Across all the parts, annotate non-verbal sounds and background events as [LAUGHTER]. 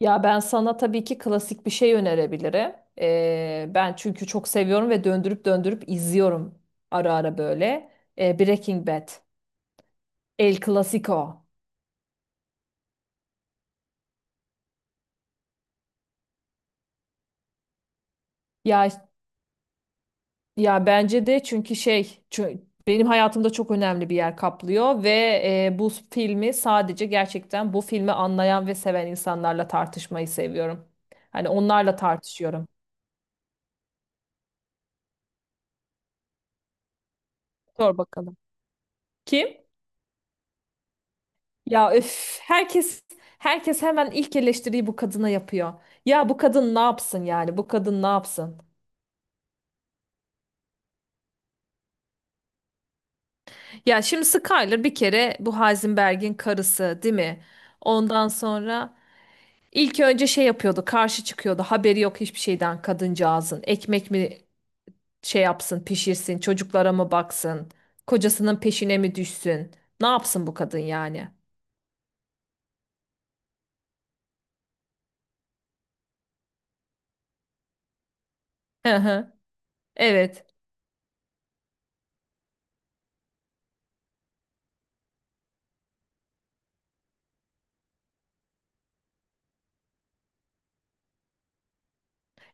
Ya ben sana tabii ki klasik bir şey önerebilirim. Ben çünkü çok seviyorum ve döndürüp döndürüp izliyorum ara ara böyle. Breaking Bad, El Clasico. Ya ya bence de çünkü benim hayatımda çok önemli bir yer kaplıyor ve bu filmi sadece gerçekten bu filmi anlayan ve seven insanlarla tartışmayı seviyorum. Hani onlarla tartışıyorum. Sor bakalım. Kim? Ya öf, herkes hemen ilk eleştiriyi bu kadına yapıyor. Ya bu kadın ne yapsın yani? Bu kadın ne yapsın? Ya şimdi Skyler bir kere bu Heisenberg'in karısı, değil mi? Ondan sonra ilk önce şey yapıyordu, karşı çıkıyordu. Haberi yok hiçbir şeyden kadıncağızın. Ekmek mi şey yapsın, pişirsin, çocuklara mı baksın? Kocasının peşine mi düşsün? Ne yapsın bu kadın yani? Hı hı. Evet.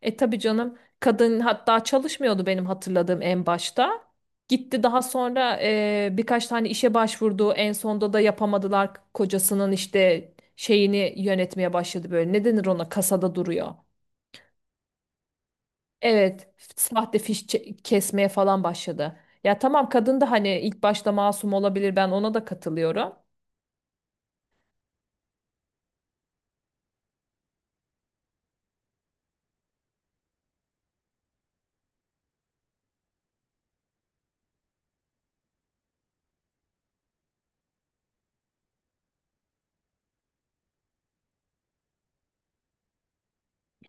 E tabii canım kadın hatta çalışmıyordu benim hatırladığım en başta. Gitti daha sonra birkaç tane işe başvurdu. En sonda da yapamadılar kocasının işte şeyini yönetmeye başladı böyle. Ne denir ona kasada duruyor. Evet, sahte kesmeye falan başladı. Ya tamam kadın da hani ilk başta masum olabilir ben ona da katılıyorum.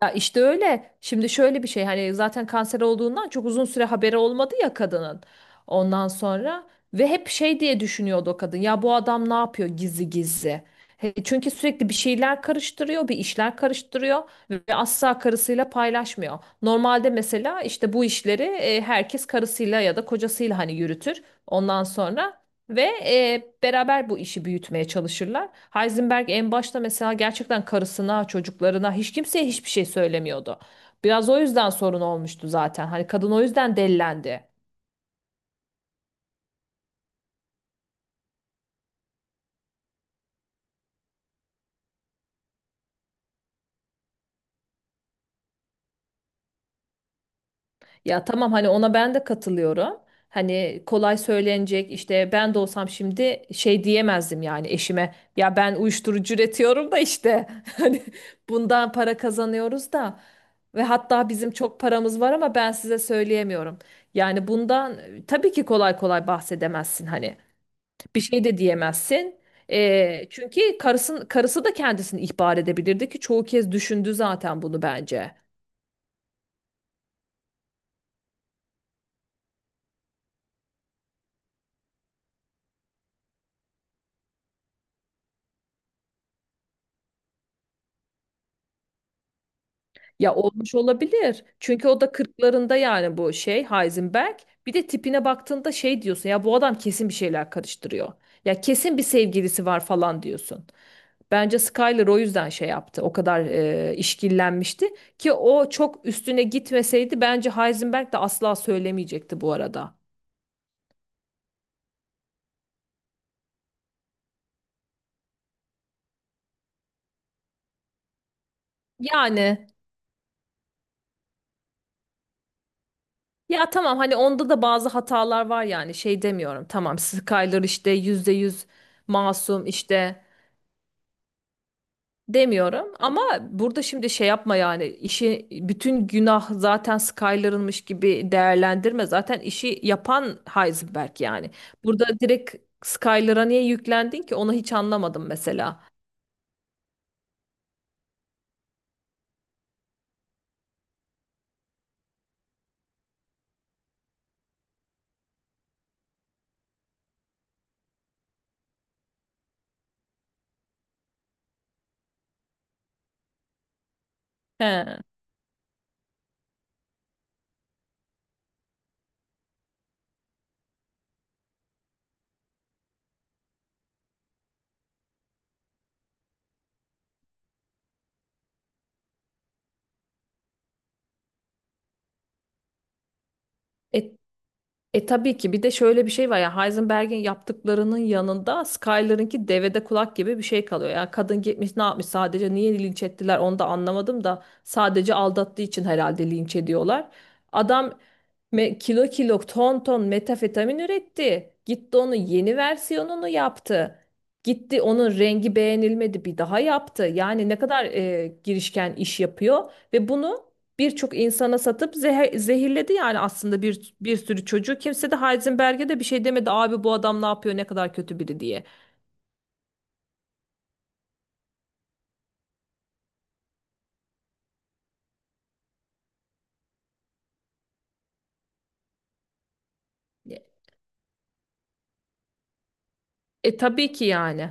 Ya işte öyle. Şimdi şöyle bir şey hani zaten kanser olduğundan çok uzun süre haberi olmadı ya kadının. Ondan sonra ve hep şey diye düşünüyordu o kadın. Ya bu adam ne yapıyor gizli gizli? He, çünkü sürekli bir şeyler karıştırıyor, bir işler karıştırıyor ve asla karısıyla paylaşmıyor. Normalde mesela işte bu işleri herkes karısıyla ya da kocasıyla hani yürütür. Ondan sonra ve beraber bu işi büyütmeye çalışırlar. Heisenberg en başta mesela gerçekten karısına, çocuklarına, hiç kimseye hiçbir şey söylemiyordu. Biraz o yüzden sorun olmuştu zaten. Hani kadın o yüzden delilendi. Ya tamam hani ona ben de katılıyorum. Hani kolay söylenecek işte ben de olsam şimdi şey diyemezdim yani eşime. Ya ben uyuşturucu üretiyorum da işte [LAUGHS] hani bundan para kazanıyoruz da ve hatta bizim çok paramız var ama ben size söyleyemiyorum. Yani bundan tabii ki kolay kolay bahsedemezsin hani bir şey de diyemezsin. E, çünkü karısı da kendisini ihbar edebilirdi ki çoğu kez düşündü zaten bunu bence. Ya olmuş olabilir. Çünkü o da 40'larında yani bu şey Heisenberg. Bir de tipine baktığında şey diyorsun ya bu adam kesin bir şeyler karıştırıyor. Ya kesin bir sevgilisi var falan diyorsun. Bence Skyler o yüzden şey yaptı. O kadar işkillenmişti ki o çok üstüne gitmeseydi bence Heisenberg de asla söylemeyecekti bu arada. Yani ya tamam hani onda da bazı hatalar var yani şey demiyorum. Tamam Skyler işte %100 masum işte demiyorum ama burada şimdi şey yapma yani işi bütün günah zaten Skyler'ınmış gibi değerlendirme. Zaten işi yapan Heisenberg yani. Burada direkt Skyler'a niye yüklendin ki onu hiç anlamadım mesela. He. E E tabii ki bir de şöyle bir şey var ya Heisenberg'in yaptıklarının yanında Skyler'ınki devede kulak gibi bir şey kalıyor. Yani kadın gitmiş ne yapmış sadece niye linç ettiler onu da anlamadım da sadece aldattığı için herhalde linç ediyorlar. Adam kilo kilo ton ton metafetamin üretti. Gitti onun yeni versiyonunu yaptı. Gitti onun rengi beğenilmedi bir daha yaptı. Yani ne kadar girişken iş yapıyor ve bunu birçok insana satıp zehirledi yani aslında bir sürü çocuğu. Kimse de Heisenberg'e de bir şey demedi. Abi bu adam ne yapıyor? Ne kadar kötü biri diye. E tabii ki yani.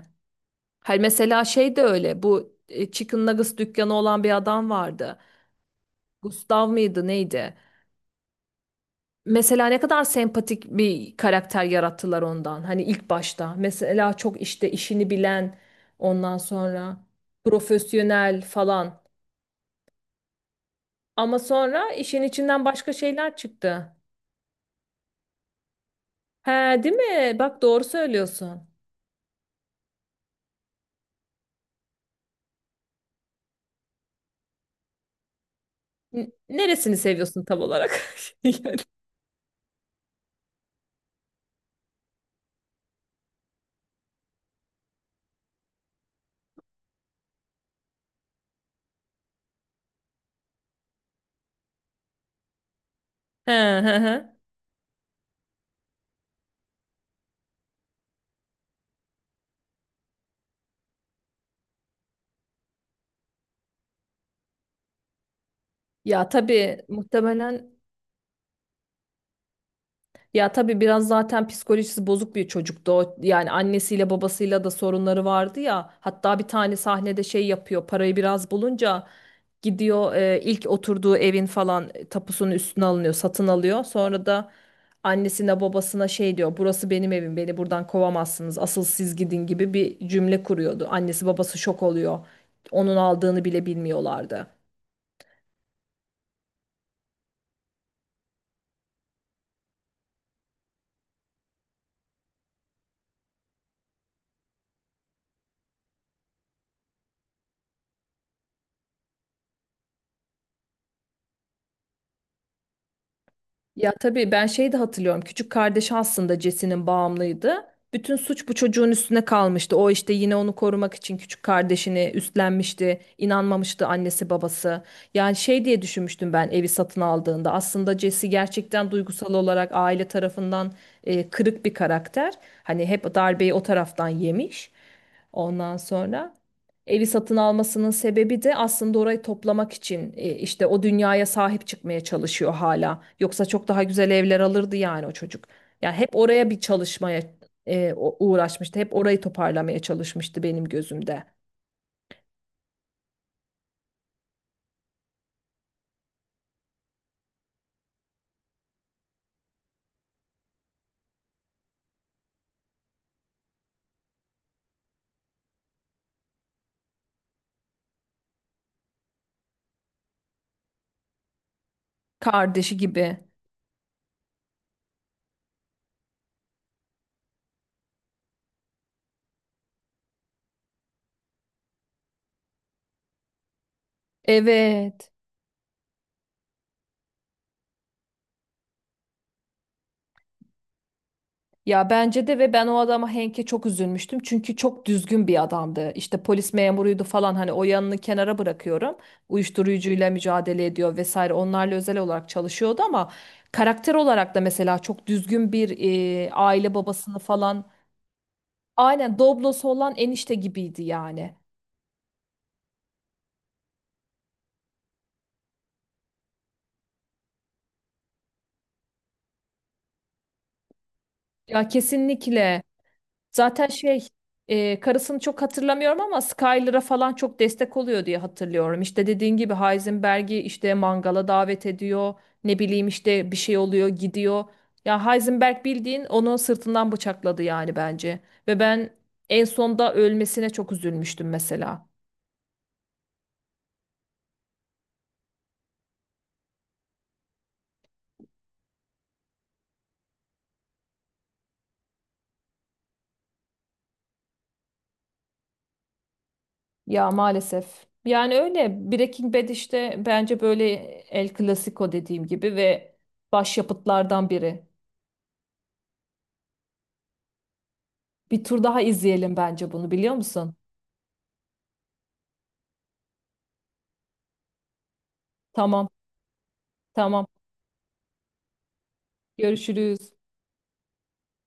Her mesela şey de öyle. Bu Chicken Nuggets dükkanı olan bir adam vardı. Gustav mıydı neydi? Mesela ne kadar sempatik bir karakter yarattılar ondan. Hani ilk başta. Mesela çok işte işini bilen ondan sonra profesyonel falan. Ama sonra işin içinden başka şeyler çıktı. He, değil mi? Bak doğru söylüyorsun. Neresini seviyorsun tam olarak? [LAUGHS] Yani. He, he, he. Ya tabii muhtemelen ya tabii biraz zaten psikolojisi bozuk bir çocuktu o. Yani annesiyle babasıyla da sorunları vardı ya. Hatta bir tane sahnede şey yapıyor. Parayı biraz bulunca gidiyor ilk oturduğu evin falan tapusunun üstüne alınıyor, satın alıyor. Sonra da annesine babasına şey diyor. Burası benim evim. Beni buradan kovamazsınız. Asıl siz gidin gibi bir cümle kuruyordu. Annesi babası şok oluyor onun aldığını bile bilmiyorlardı. Ya tabii ben şeyi de hatırlıyorum. Küçük kardeşi aslında Jesse'nin bağımlıydı. Bütün suç bu çocuğun üstüne kalmıştı. O işte yine onu korumak için küçük kardeşini üstlenmişti. İnanmamıştı annesi babası. Yani şey diye düşünmüştüm ben evi satın aldığında. Aslında Jesse gerçekten duygusal olarak aile tarafından kırık bir karakter. Hani hep darbeyi o taraftan yemiş. Ondan sonra. Evi satın almasının sebebi de aslında orayı toplamak için işte o dünyaya sahip çıkmaya çalışıyor hala. Yoksa çok daha güzel evler alırdı yani o çocuk. Yani hep oraya bir çalışmaya uğraşmıştı. Hep orayı toparlamaya çalışmıştı benim gözümde. Kardeşi gibi. Evet. Ya bence de ve ben o adama Henk'e çok üzülmüştüm. Çünkü çok düzgün bir adamdı. İşte polis memuruydu falan hani o yanını kenara bırakıyorum. Uyuşturucuyla mücadele ediyor vesaire. Onlarla özel olarak çalışıyordu ama karakter olarak da mesela çok düzgün bir aile babasını falan. Aynen Doblo'su olan enişte gibiydi yani. Ya kesinlikle zaten şey karısını çok hatırlamıyorum ama Skyler'a falan çok destek oluyor diye hatırlıyorum. İşte dediğin gibi Heisenberg'i işte mangala davet ediyor. Ne bileyim işte bir şey oluyor gidiyor. Ya Heisenberg bildiğin onu sırtından bıçakladı yani bence. Ve ben en sonda ölmesine çok üzülmüştüm mesela. Ya maalesef. Yani öyle Breaking Bad işte bence böyle El Clasico dediğim gibi ve başyapıtlardan biri. Bir tur daha izleyelim bence bunu biliyor musun? Tamam, tamam. Görüşürüz.